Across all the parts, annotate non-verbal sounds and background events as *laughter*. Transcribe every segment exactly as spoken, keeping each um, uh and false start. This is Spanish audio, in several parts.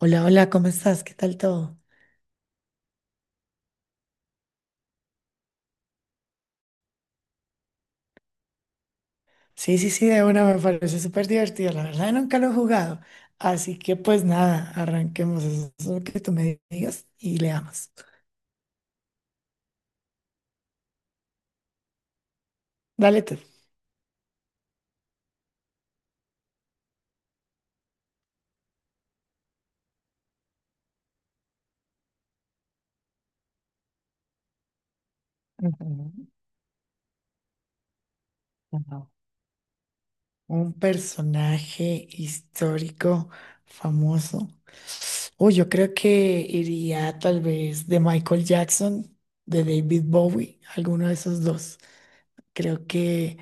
Hola, hola, ¿cómo estás? ¿Qué tal todo? Sí, sí, sí, de una me parece súper divertido. La verdad, nunca lo he jugado. Así que, pues nada, arranquemos. Eso es lo que tú me digas y leamos. Dale tú. Ujú, ujú. Un personaje histórico famoso. Uy, yo creo que iría tal vez de Michael Jackson, de David Bowie, alguno de esos dos. Creo que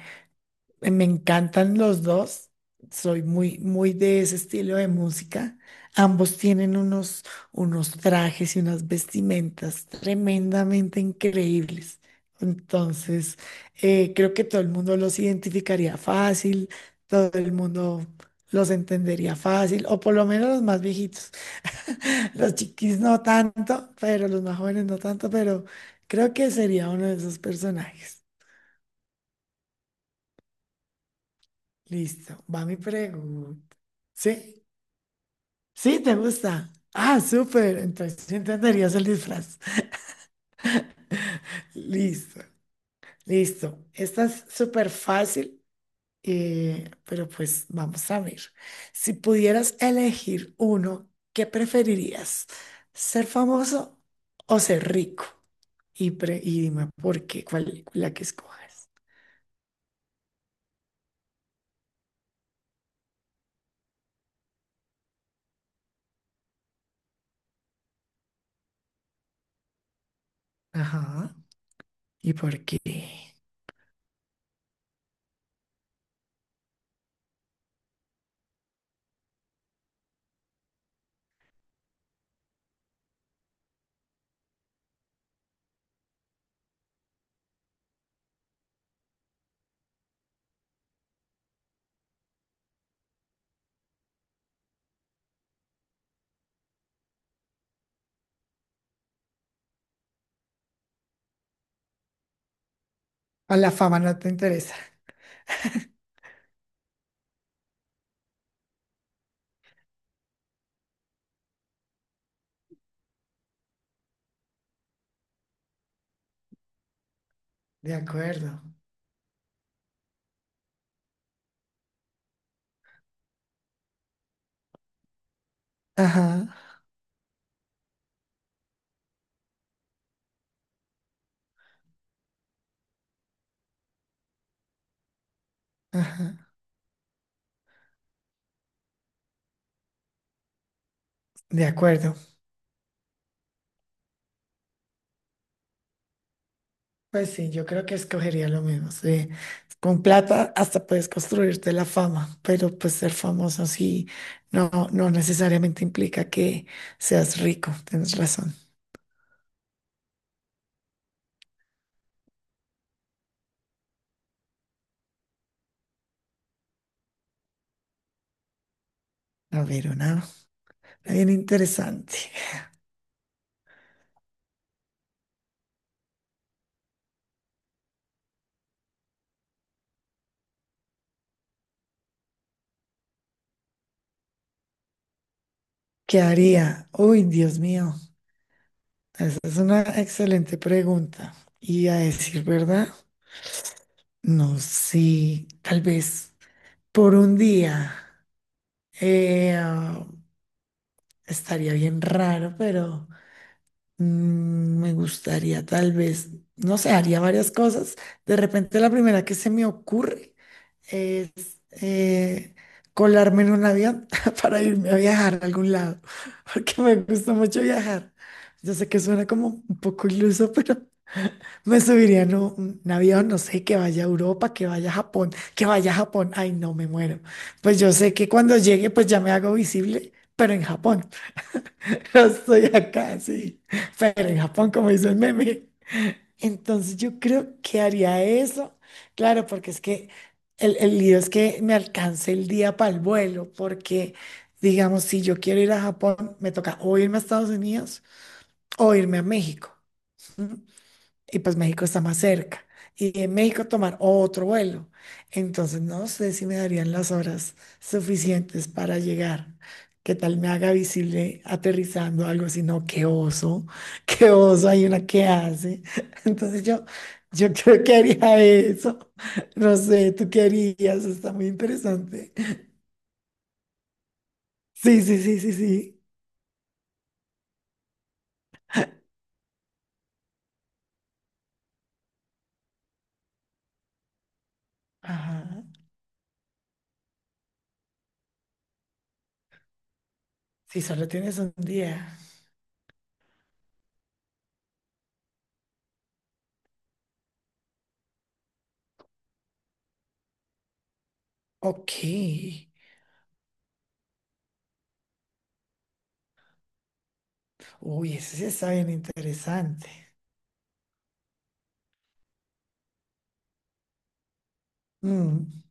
eh, me encantan los dos. Soy muy, muy de ese estilo de música. Ambos tienen unos, unos trajes y unas vestimentas tremendamente increíbles. Entonces, eh, creo que todo el mundo los identificaría fácil, todo el mundo los entendería fácil, o por lo menos los más viejitos. *laughs* Los chiquis no tanto, pero los más jóvenes no tanto, pero creo que sería uno de esos personajes. Listo, va mi pregunta. ¿Sí? Sí, te gusta. Ah, súper. Entonces sí entenderías el disfraz. *laughs* Listo, listo. Esta es súper fácil, eh, pero pues vamos a ver. Si pudieras elegir uno, ¿qué preferirías? ¿Ser famoso o ser rico? Y, pre- y dime por qué, cuál, la que escoges. Ajá. ¿Y por qué? A la fama no te interesa. De acuerdo. Ajá, ajá. De acuerdo. Pues sí, yo creo que escogería lo mismo. Sí. Con plata hasta puedes construirte la fama, pero pues ser famoso sí no, no necesariamente implica que seas rico. Tienes razón. A ver, una, bien interesante. ¿Qué haría? Uy, Dios mío. Esa es una excelente pregunta. Y a decir verdad, no sé, tal vez por un día eh, ah, estaría bien raro, pero... Mm, me gustaría tal vez, no sé, haría varias cosas. De repente la primera que se me ocurre es eh, colarme en un avión *laughs* para irme a viajar a algún lado, *laughs* porque me gusta mucho viajar. Yo sé que suena como un poco iluso, pero *laughs* me subiría en un, un avión, no sé, que vaya a Europa, que vaya a Japón, que vaya a Japón. Ay, no, me muero. Pues yo sé que cuando llegue, pues ya me hago visible, pero en Japón. *laughs* Yo estoy acá, sí. Pero en Japón, como dice el meme. Entonces yo creo que haría eso. Claro, porque es que el, el lío es que me alcance el día para el vuelo, porque digamos, si yo quiero ir a Japón, me toca o irme a Estados Unidos o irme a México y pues México está más cerca. Y en México tomar otro vuelo. Entonces no sé si me darían las horas suficientes para llegar. ¿Qué tal me haga visible aterrizando algo así? No, qué oso, *laughs* qué oso, hay una que hace. *laughs* Entonces yo, yo creo que haría eso. No sé, ¿tú qué harías? Está muy interesante. Sí, sí, sí, sí, sí. Ajá. Si solo tienes un día. Ok. Uy, ese sí está bien interesante. Mm.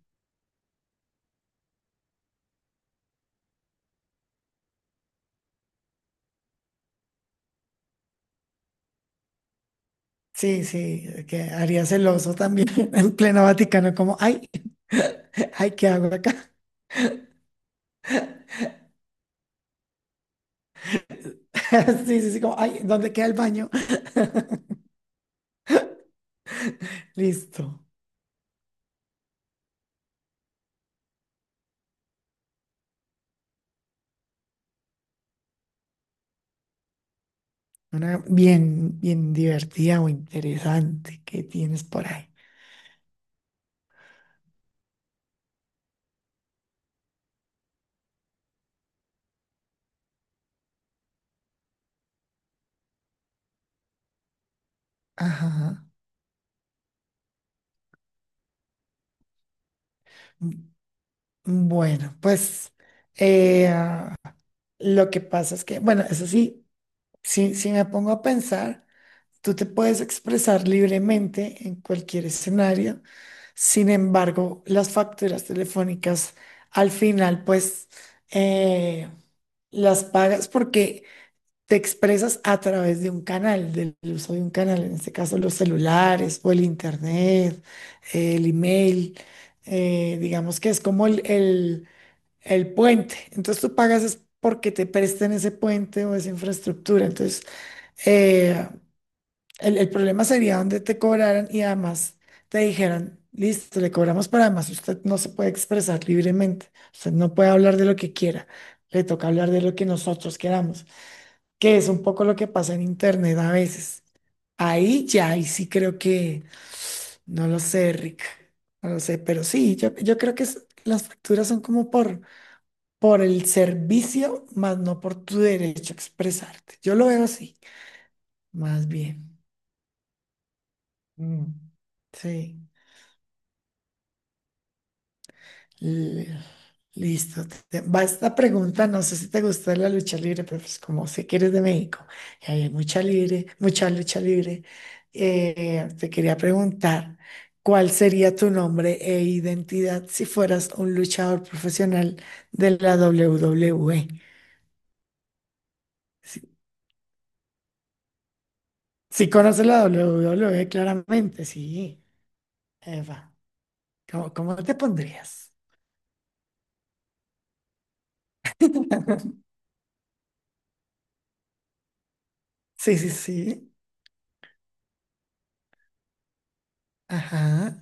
Sí, sí, que haría celoso también *laughs* en pleno Vaticano, como, ay, *laughs* ay, ¿qué hago acá? *laughs* Sí, sí, sí, como, ay, ¿dónde queda el baño? *laughs* Listo. Una bien, bien divertida o interesante que tienes por ahí. Ajá. M- Bueno, pues eh, ah, lo que pasa es que, bueno, eso sí, sí, sí me pongo a pensar. Tú te puedes expresar libremente en cualquier escenario. Sin embargo, las facturas telefónicas al final, pues, eh, las pagas porque te expresas a través de un canal, del uso de un canal, en este caso los celulares o el internet, el email, eh, digamos que es como el, el- el puente. Entonces tú pagas es porque te presten ese puente o esa infraestructura. Entonces, eh, el, el problema sería donde te cobraran y además te dijeran, listo, le cobramos, pero además usted no se puede expresar libremente, usted no puede hablar de lo que quiera, le toca hablar de lo que nosotros queramos, que es un poco lo que pasa en Internet a veces. Ahí ya, ahí sí creo que, no lo sé, Rick, no lo sé, pero sí, yo, yo creo que es- las facturas son como por, por el servicio, más no por tu derecho a expresarte. Yo lo veo así, más bien. Mm, sí. L- Listo. te- Va esta pregunta, no sé si te gusta la lucha libre, pero pues como sé que eres de México y ahí hay mucha libre, mucha lucha libre, eh, te quería preguntar, ¿cuál sería tu nombre e identidad si fueras un luchador profesional de la doble u doble u e? Si, si conoces la doble u doble u e, claramente, sí. Eva, ¿cómo, cómo te pondrías? Sí, sí, sí. Ajá,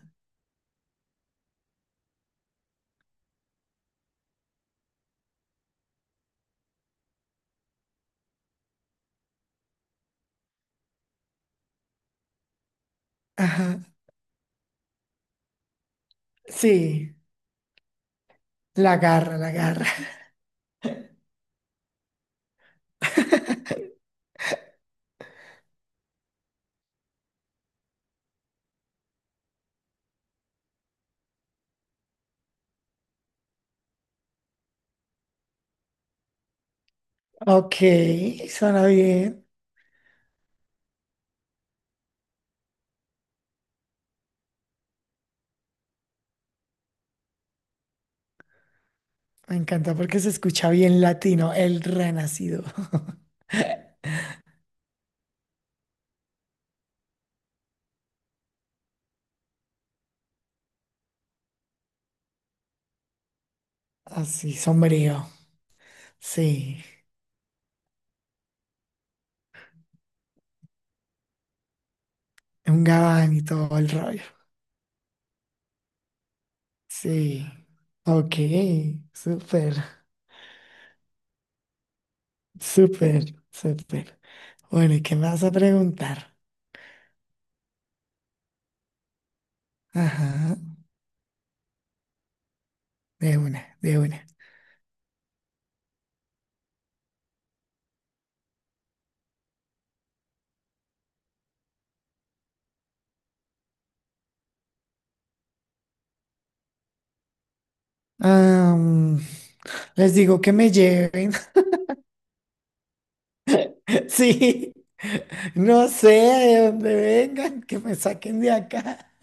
ajá. Sí, la garra, la garra. *laughs* Ok, suena bien. Me encanta porque se escucha bien latino, el renacido. *laughs* Así, sombrío. Sí, un gabán y todo el rollo. Sí. Ok, súper, súper, súper. Bueno, ¿y qué me vas a preguntar? Ajá, de una, de una. Am, les digo que me lleven. *laughs* Sí, no sé de dónde vengan, que me saquen de acá.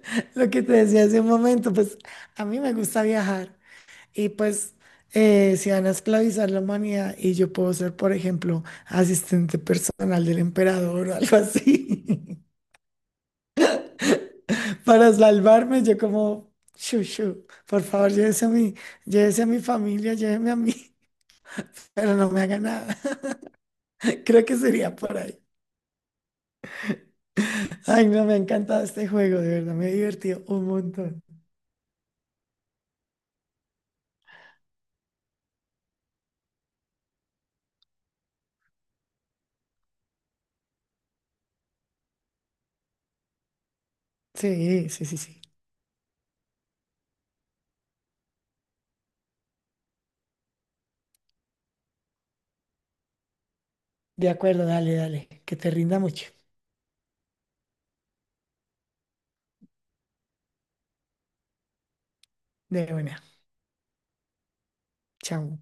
*laughs* Lo que te decía hace un momento, pues a mí me gusta viajar y pues eh, si van a esclavizar la humanidad y yo puedo ser, por ejemplo, asistente personal del emperador o algo así, *laughs* para salvarme, yo como, chuchu, por favor, llévese a mi, llévese a mi familia, lléveme a mí, *laughs* pero no me haga nada. *laughs* Creo que sería por ahí. Ay, no, me ha encantado este juego, de verdad, me he divertido un montón. Sí, sí, sí, sí. De acuerdo, dale, dale. Que te rinda mucho. De buena. Chao.